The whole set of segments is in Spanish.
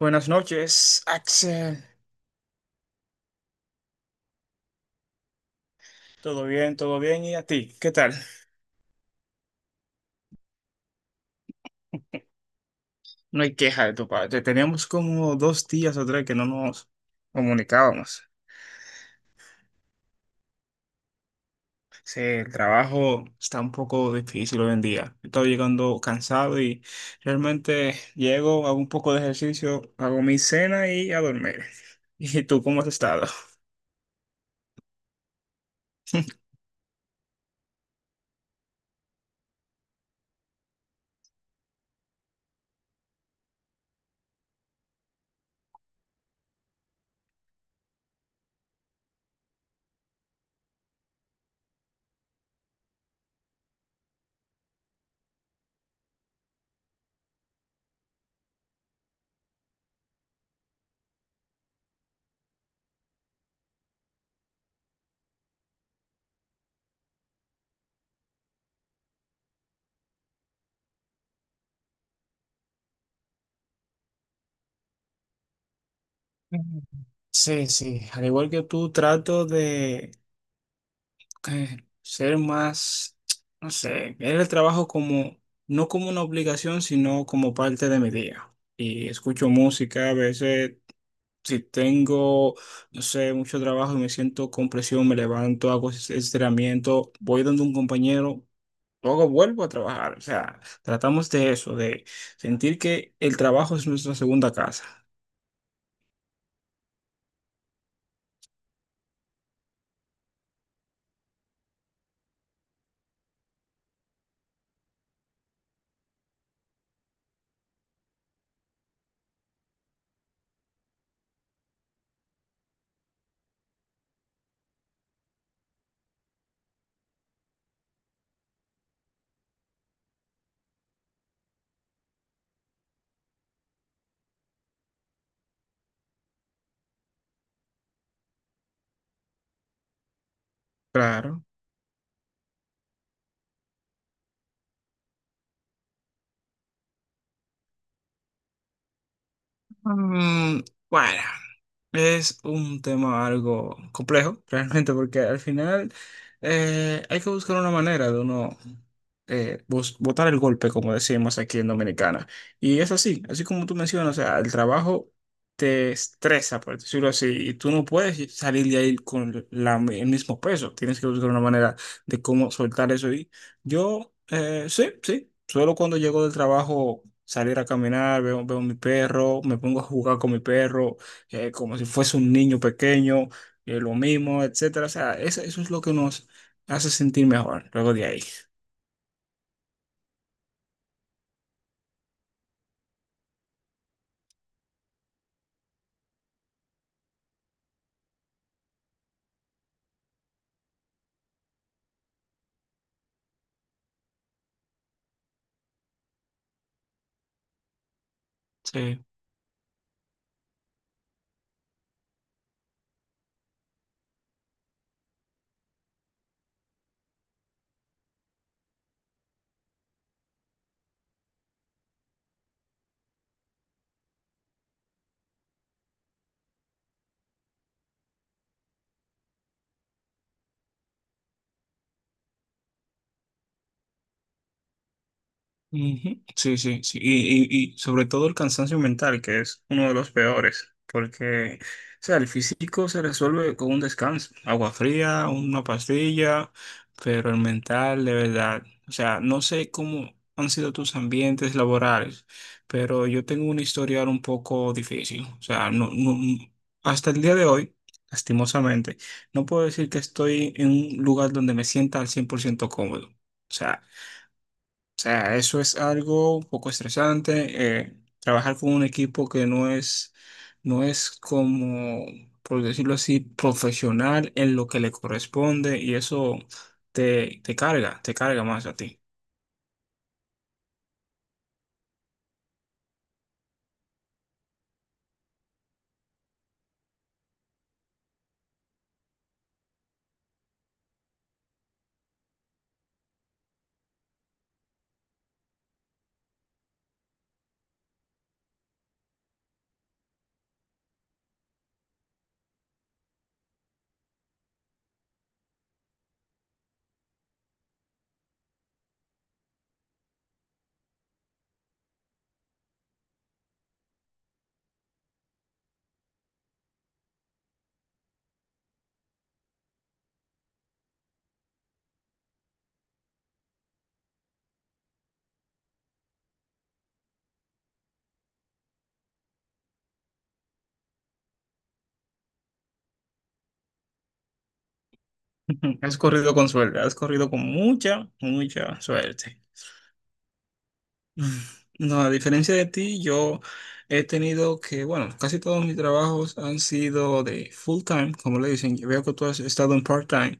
Buenas noches, Axel. ¿Todo bien? ¿Todo bien? ¿Y a ti? ¿Qué tal? No hay queja de tu parte. Teníamos como 2 días o 3 que no nos comunicábamos. Sí, el trabajo está un poco difícil hoy en día. Estoy llegando cansado y realmente llego, hago un poco de ejercicio, hago mi cena y a dormir. ¿Y tú cómo has estado? Sí, sí, al igual que tú, trato de ser más, no sé, ver el trabajo como, no como una obligación, sino como parte de mi día. Y escucho música, a veces si tengo, no sé, mucho trabajo y me siento con presión, me levanto, hago estiramiento, voy donde un compañero. Luego vuelvo a trabajar, o sea, tratamos de eso, de sentir que el trabajo es nuestra segunda casa. Claro. Mm, bueno. Es un tema algo complejo, realmente, porque al final hay que buscar una manera de uno botar el golpe, como decimos aquí en Dominicana. Y es así, así como tú mencionas, o sea, el trabajo te estresa, por decirlo así, y tú no puedes salir de ahí con el mismo peso. Tienes que buscar una manera de cómo soltar eso. Y yo, sí, sí, solo cuando llego del trabajo, salir a caminar, veo, veo a mi perro, me pongo a jugar con mi perro como si fuese un niño pequeño, lo mismo, etcétera. O sea, eso es lo que nos hace sentir mejor luego de ahí. Sí. Ujú. Sí, sí, sí. Y sobre todo el cansancio mental, que es uno de los peores, porque, o sea, el físico se resuelve con un descanso, agua fría, una pastilla, pero el mental, de verdad, o sea, no sé cómo han sido tus ambientes laborales, pero yo tengo un historial un poco difícil, o sea, no, no, hasta el día de hoy, lastimosamente, no puedo decir que estoy en un lugar donde me sienta al 100% cómodo. O sea, sea, eso es algo un poco estresante. Trabajar con un equipo que no es, no es como, por decirlo así, profesional en lo que le corresponde y eso te, te carga más a ti. Has corrido con suerte, has corrido con mucha, mucha suerte. Mm. No, a diferencia de ti, yo he tenido que, bueno, casi todos mis trabajos han sido de full time, como le dicen. Yo veo que tú has estado en part time.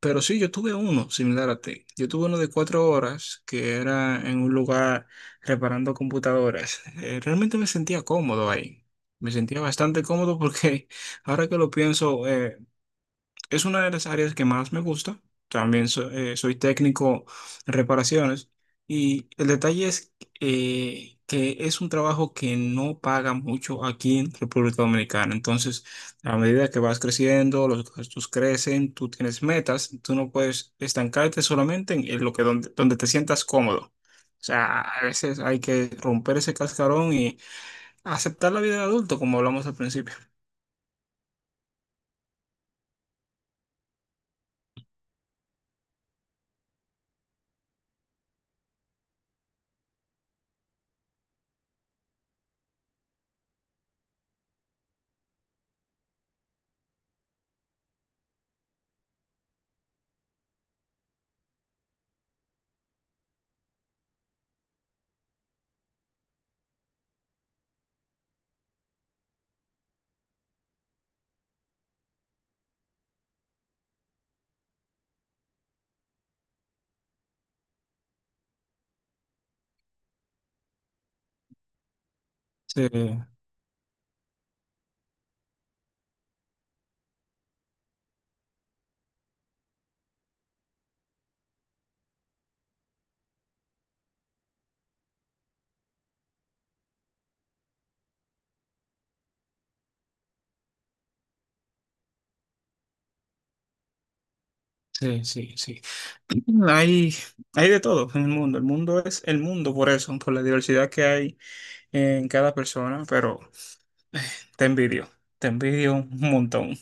Pero sí, yo tuve uno similar a ti. Yo tuve uno de 4 horas que era en un lugar reparando computadoras. Realmente me sentía cómodo ahí. Me sentía bastante cómodo porque ahora que lo pienso, es una de las áreas que más me gusta. También soy técnico en reparaciones. Y el detalle es que es un trabajo que no paga mucho aquí en República Dominicana. Entonces, a medida que vas creciendo, los gastos crecen, tú tienes metas, tú no puedes estancarte solamente en lo que donde, donde te sientas cómodo. O sea, a veces hay que romper ese cascarón y aceptar la vida de adulto, como hablamos al principio. Sí. Sí, sí, sí. Hay, hay de todo en el mundo. El mundo es el mundo por eso, por la diversidad que hay en cada persona, pero te envidio, te envidio un montón.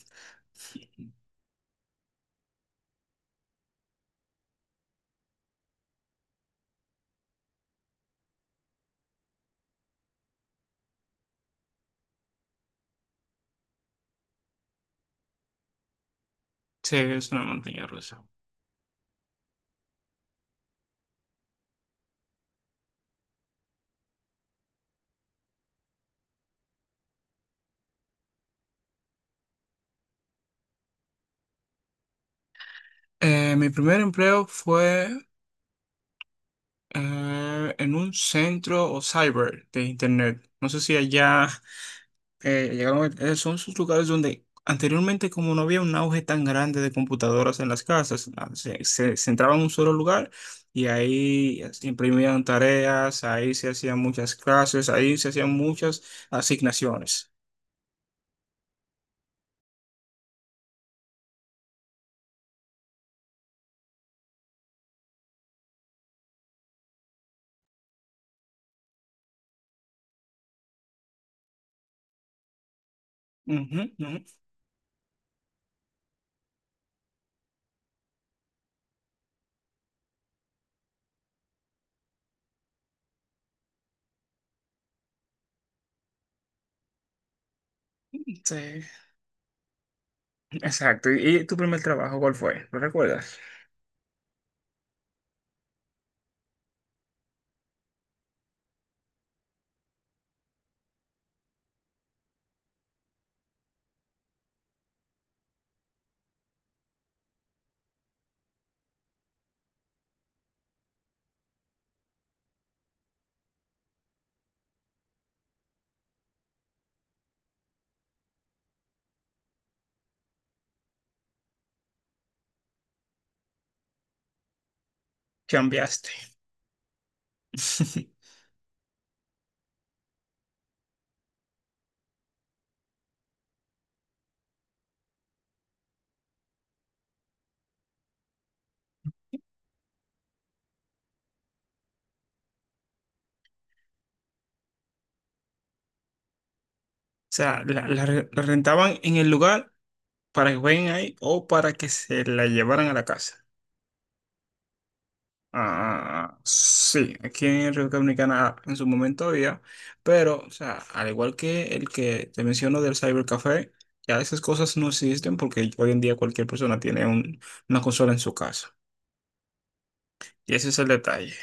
Sí, es una montaña rusa. Mi primer empleo fue. En un centro o cyber de internet. No sé si allá llegaron, son sus lugares donde anteriormente, como no había un auge tan grande de computadoras en las casas, se, se, se entraba en un solo lugar y ahí se imprimían tareas, ahí se hacían muchas clases, ahí se hacían muchas asignaciones. Ujú, ujú. Sí, exacto. ¿Y tu primer trabajo cuál fue? ¿Lo recuerdas? Cambiaste. O sea, la, la rentaban en el lugar para que jueguen ahí o para que se la llevaran a la casa. Ah, sí, aquí en República Dominicana en su momento había, pero, o sea, al igual que el que te menciono del cybercafé, ya esas cosas no existen porque hoy en día cualquier persona tiene un- una consola en su casa. Y ese es el detalle.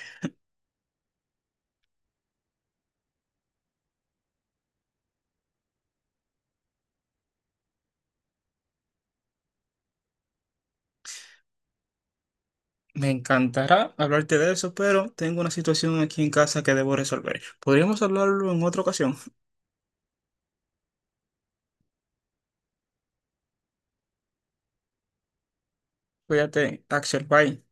Me encantará hablarte de eso, pero tengo una situación aquí en casa que debo resolver. Podríamos hablarlo en otra ocasión. Cuídate, Axel, bye.